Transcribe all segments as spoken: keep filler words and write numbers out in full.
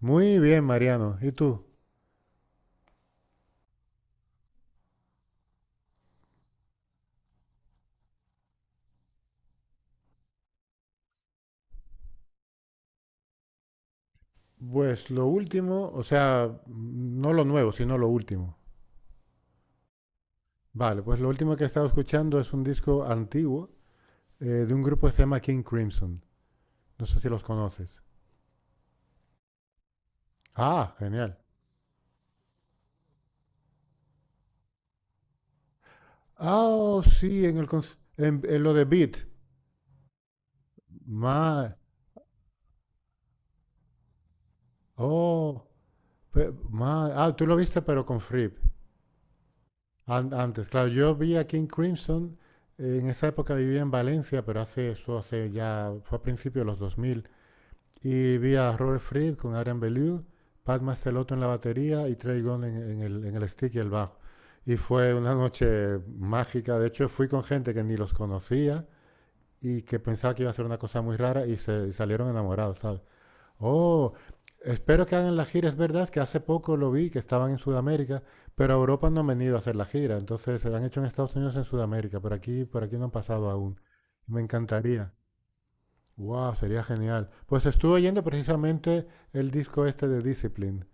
Muy bien, Mariano. ¿Y tú? Pues lo último, o sea, no lo nuevo, sino lo último. Vale, pues lo último que he estado escuchando es un disco antiguo eh, de un grupo que se llama King Crimson. No sé si los conoces. Ah, genial. Ah, oh, sí, en, el, cons- en, en lo de Beat. Ma, oh, pe- ma- ah, tú lo viste pero con Fripp. An- antes, claro, yo vi a King Crimson, eh, en esa época vivía en Valencia, pero hace eso, hace ya, fue a principios de los dos mil. Y vi a Robert Fripp con Adrian Belew, Pat Mastelotto en la batería y Trey Gunn en, en el, en el stick y el bajo. Y fue una noche mágica. De hecho, fui con gente que ni los conocía y que pensaba que iba a ser una cosa muy rara y se y salieron enamorados, ¿sabes? Oh, espero que hagan la gira. Es verdad que hace poco lo vi, que estaban en Sudamérica, pero a Europa no han venido a hacer la gira. Entonces, se la han hecho en Estados Unidos, en Sudamérica. Por aquí, por aquí no han pasado aún. Me encantaría. Wow, sería genial. Pues estuve oyendo precisamente el disco este de Discipline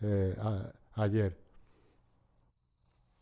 eh, a- ayer,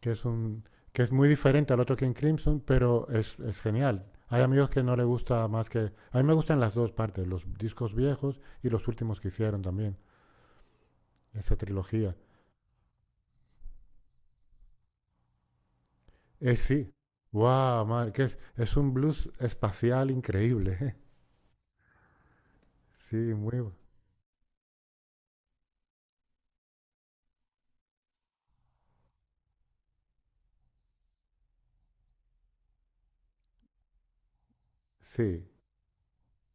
que es un que es muy diferente al otro King Crimson, pero es, es genial. Hay amigos que no le gusta más que a mí me gustan las dos partes, los discos viejos y los últimos que hicieron también, esa trilogía. Eh, sí. Wow, madre, que es es un blues espacial increíble. Sí, muy bu- sí.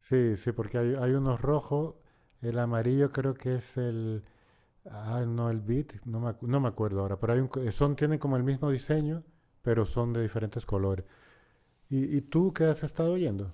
Sí, sí, porque hay, hay unos rojos, el amarillo creo que es el. Ah, no, el Beat, no me, acu- no me acuerdo ahora, pero hay un co- son, tienen como el mismo diseño, pero son de diferentes colores. ¿Y, y tú qué has estado oyendo?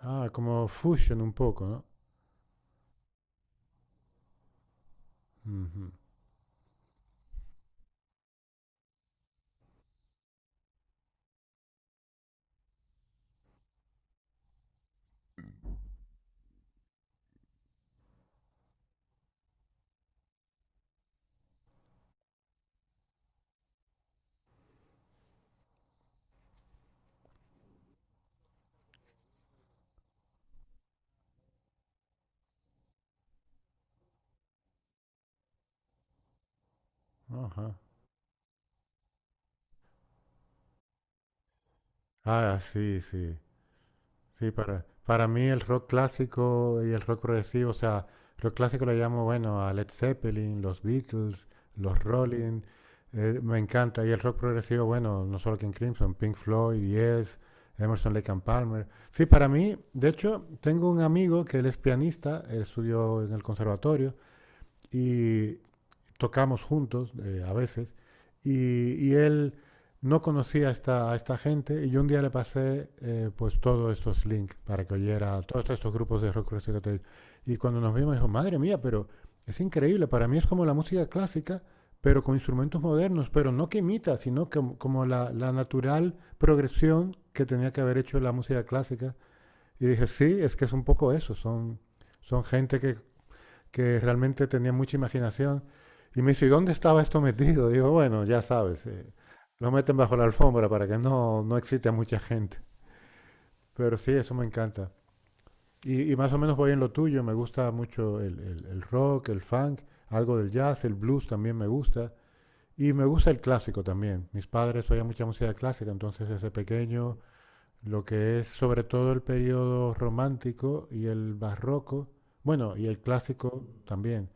Ah, como fusion un poco, ¿no? Ujú. Ajá. Ah, sí, sí. Sí, para, para mí el rock clásico y el rock progresivo, o sea, rock clásico le llamo, bueno, a Led Zeppelin, los Beatles, los Rolling, eh, me encanta. Y el rock progresivo, bueno, no solo King Crimson, Pink Floyd, Yes, Emerson, Lake and Palmer. Sí, para mí, de hecho, tengo un amigo que él es pianista, él estudió en el conservatorio y tocamos juntos eh, a veces y, y, él no conocía a esta, a esta gente y yo un día le pasé eh, pues todos estos links para que oyera todos estos grupos de rock Recital. Y cuando nos vimos dijo, madre mía, pero es increíble, para mí es como la música clásica, pero con instrumentos modernos, pero no que imita, sino que, como la, la natural progresión que tenía que haber hecho la música clásica. Y dije, sí, es que es un poco eso, son, son gente que que realmente tenía mucha imaginación. Y me dice, ¿y dónde estaba esto metido? Digo, bueno, ya sabes, eh, lo meten bajo la alfombra para que no, no excite a mucha gente. Pero sí, eso me encanta. Y, y más o menos voy en lo tuyo, me gusta mucho el, el- el rock, el funk, algo del jazz, el blues también me gusta. Y me gusta el clásico también. Mis padres oían mucha música clásica, entonces desde pequeño lo que es sobre todo el periodo romántico y el barroco, bueno, y el clásico también.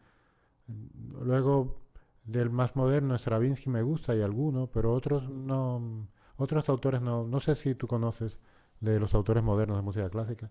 Luego, del más moderno, Stravinsky me gusta y alguno, pero otros no, otros autores no, no sé si tú conoces de los autores modernos de música clásica.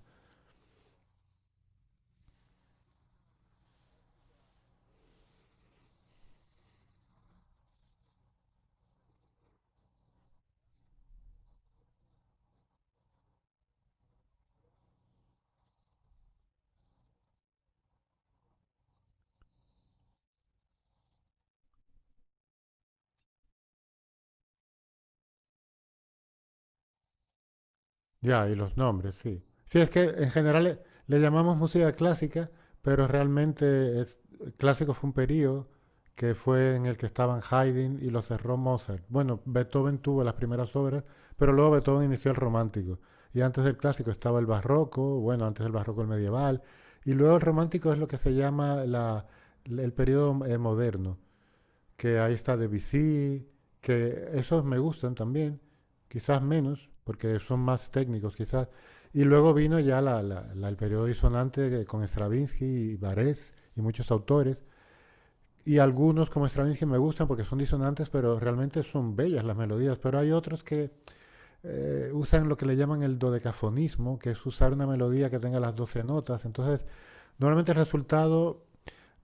Ya, y los nombres, sí. Sí, es que en general le, le llamamos música clásica, pero realmente es, clásico fue un periodo que fue en el que estaban Haydn y lo cerró Mozart. Bueno, Beethoven tuvo las primeras obras, pero luego Beethoven inició el romántico. Y antes del clásico estaba el barroco, bueno, antes del barroco el medieval, y luego el romántico es lo que se llama la- el periodo moderno que ahí está Debussy, que esos me gustan también, quizás menos, porque son más técnicos quizás. Y luego vino ya la, la- la- el periodo disonante que- con Stravinsky y Barés y muchos autores. Y algunos como Stravinsky me gustan porque son disonantes, pero realmente son bellas las melodías. Pero hay otros que eh, usan lo que le llaman el dodecafonismo, que es usar una melodía que tenga las doce notas. Entonces, normalmente el resultado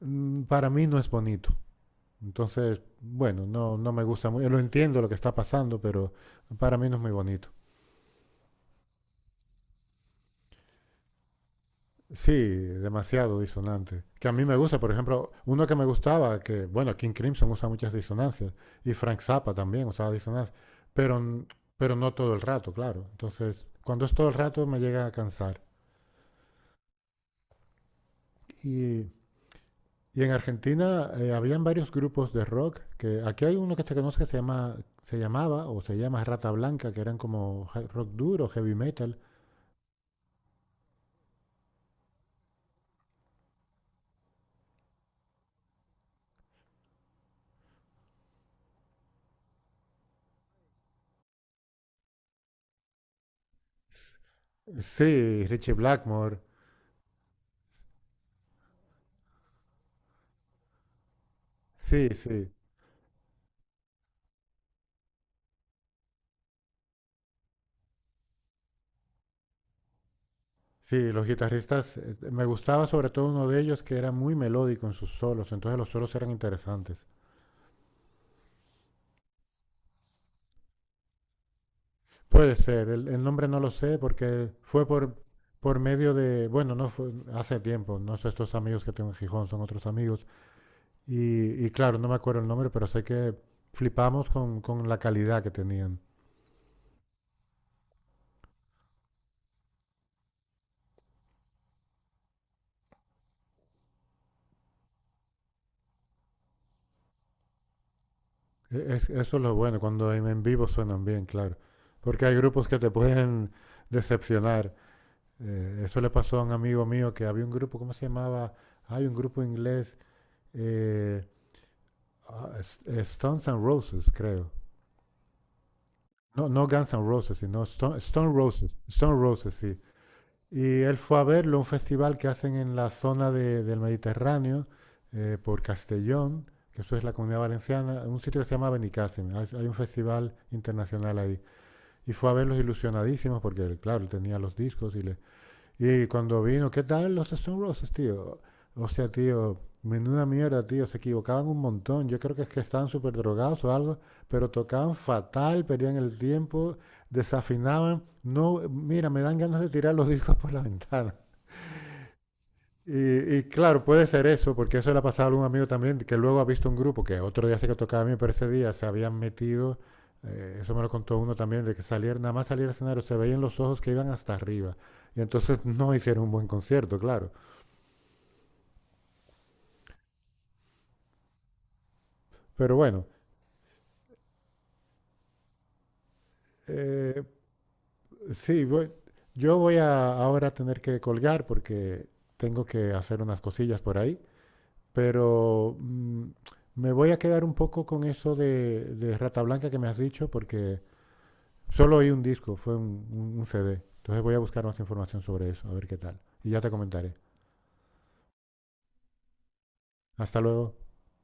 mm, para mí no es bonito. Entonces, bueno, no, no me gusta muy, lo entiendo lo que está pasando, pero para mí no es muy bonito. Sí, demasiado disonante. Que a mí me gusta, por ejemplo, uno que me gustaba, que, bueno, King Crimson usa muchas disonancias, y Frank Zappa también usaba disonancias, pero, n- pero no todo el rato, claro. Entonces, cuando es todo el rato me llega a cansar. Y, y en Argentina eh, habían varios grupos de rock, que aquí hay uno que se conoce que se llama, se llamaba o se llama Rata Blanca, que eran como he- rock duro, heavy metal. Sí, Richie Blackmore. Sí, sí. Sí, los guitarristas, eh, me gustaba sobre todo uno de ellos que era muy melódico en sus solos, entonces los solos eran interesantes. Puede ser, el, el nombre no lo sé porque fue por, por, medio de, bueno, no fue hace tiempo, no sé, estos amigos que tengo en Gijón son otros amigos, y, y claro, no me acuerdo el nombre, pero sé que flipamos con, con la calidad que tenían. E- es- eso es lo bueno, cuando en, en vivo suenan bien, claro, porque hay grupos que te pueden decepcionar. Eh, eso le pasó a un amigo mío que había un grupo, ¿cómo se llamaba? Hay un grupo inglés, eh, ah, S- eh, Stones and Roses, creo. No, no Guns N' Roses, sino Stone, Stone Roses. Stone Roses, sí. Y él fue a verlo, a un festival que hacen en la zona de- del Mediterráneo, eh, por Castellón, que eso es la Comunidad Valenciana, en un sitio que se llama Benicàssim. Hay, hay un festival internacional ahí. Y fue a verlos ilusionadísimos porque, claro, él tenía los discos y le, y cuando vino, ¿qué tal los Stone Roses, tío? O sea, tío, menuda mierda, tío, se equivocaban un montón. Yo creo que es que estaban súper drogados o algo, pero tocaban fatal, perdían el tiempo, desafinaban. No, mira, me dan ganas de tirar los discos por la ventana. Y, y claro, puede ser eso, porque eso le ha pasado a algún amigo también, que luego ha visto un grupo que otro día se que tocaba a mí, pero ese día se habían metido, eh, eso me lo contó uno también, de que salir, nada más salir al escenario, se veían los ojos que iban hasta arriba. Y entonces no hicieron un buen concierto, claro. Pero bueno, eh, sí, voy- yo voy a ahora a tener que colgar porque tengo que hacer unas cosillas por ahí, pero mm, me voy a quedar un poco con eso de, de Rata Blanca que me has dicho, porque solo oí un disco, fue un, un, un C D. Entonces voy a buscar más información sobre eso, a ver qué tal. Y ya te comentaré. Hasta luego.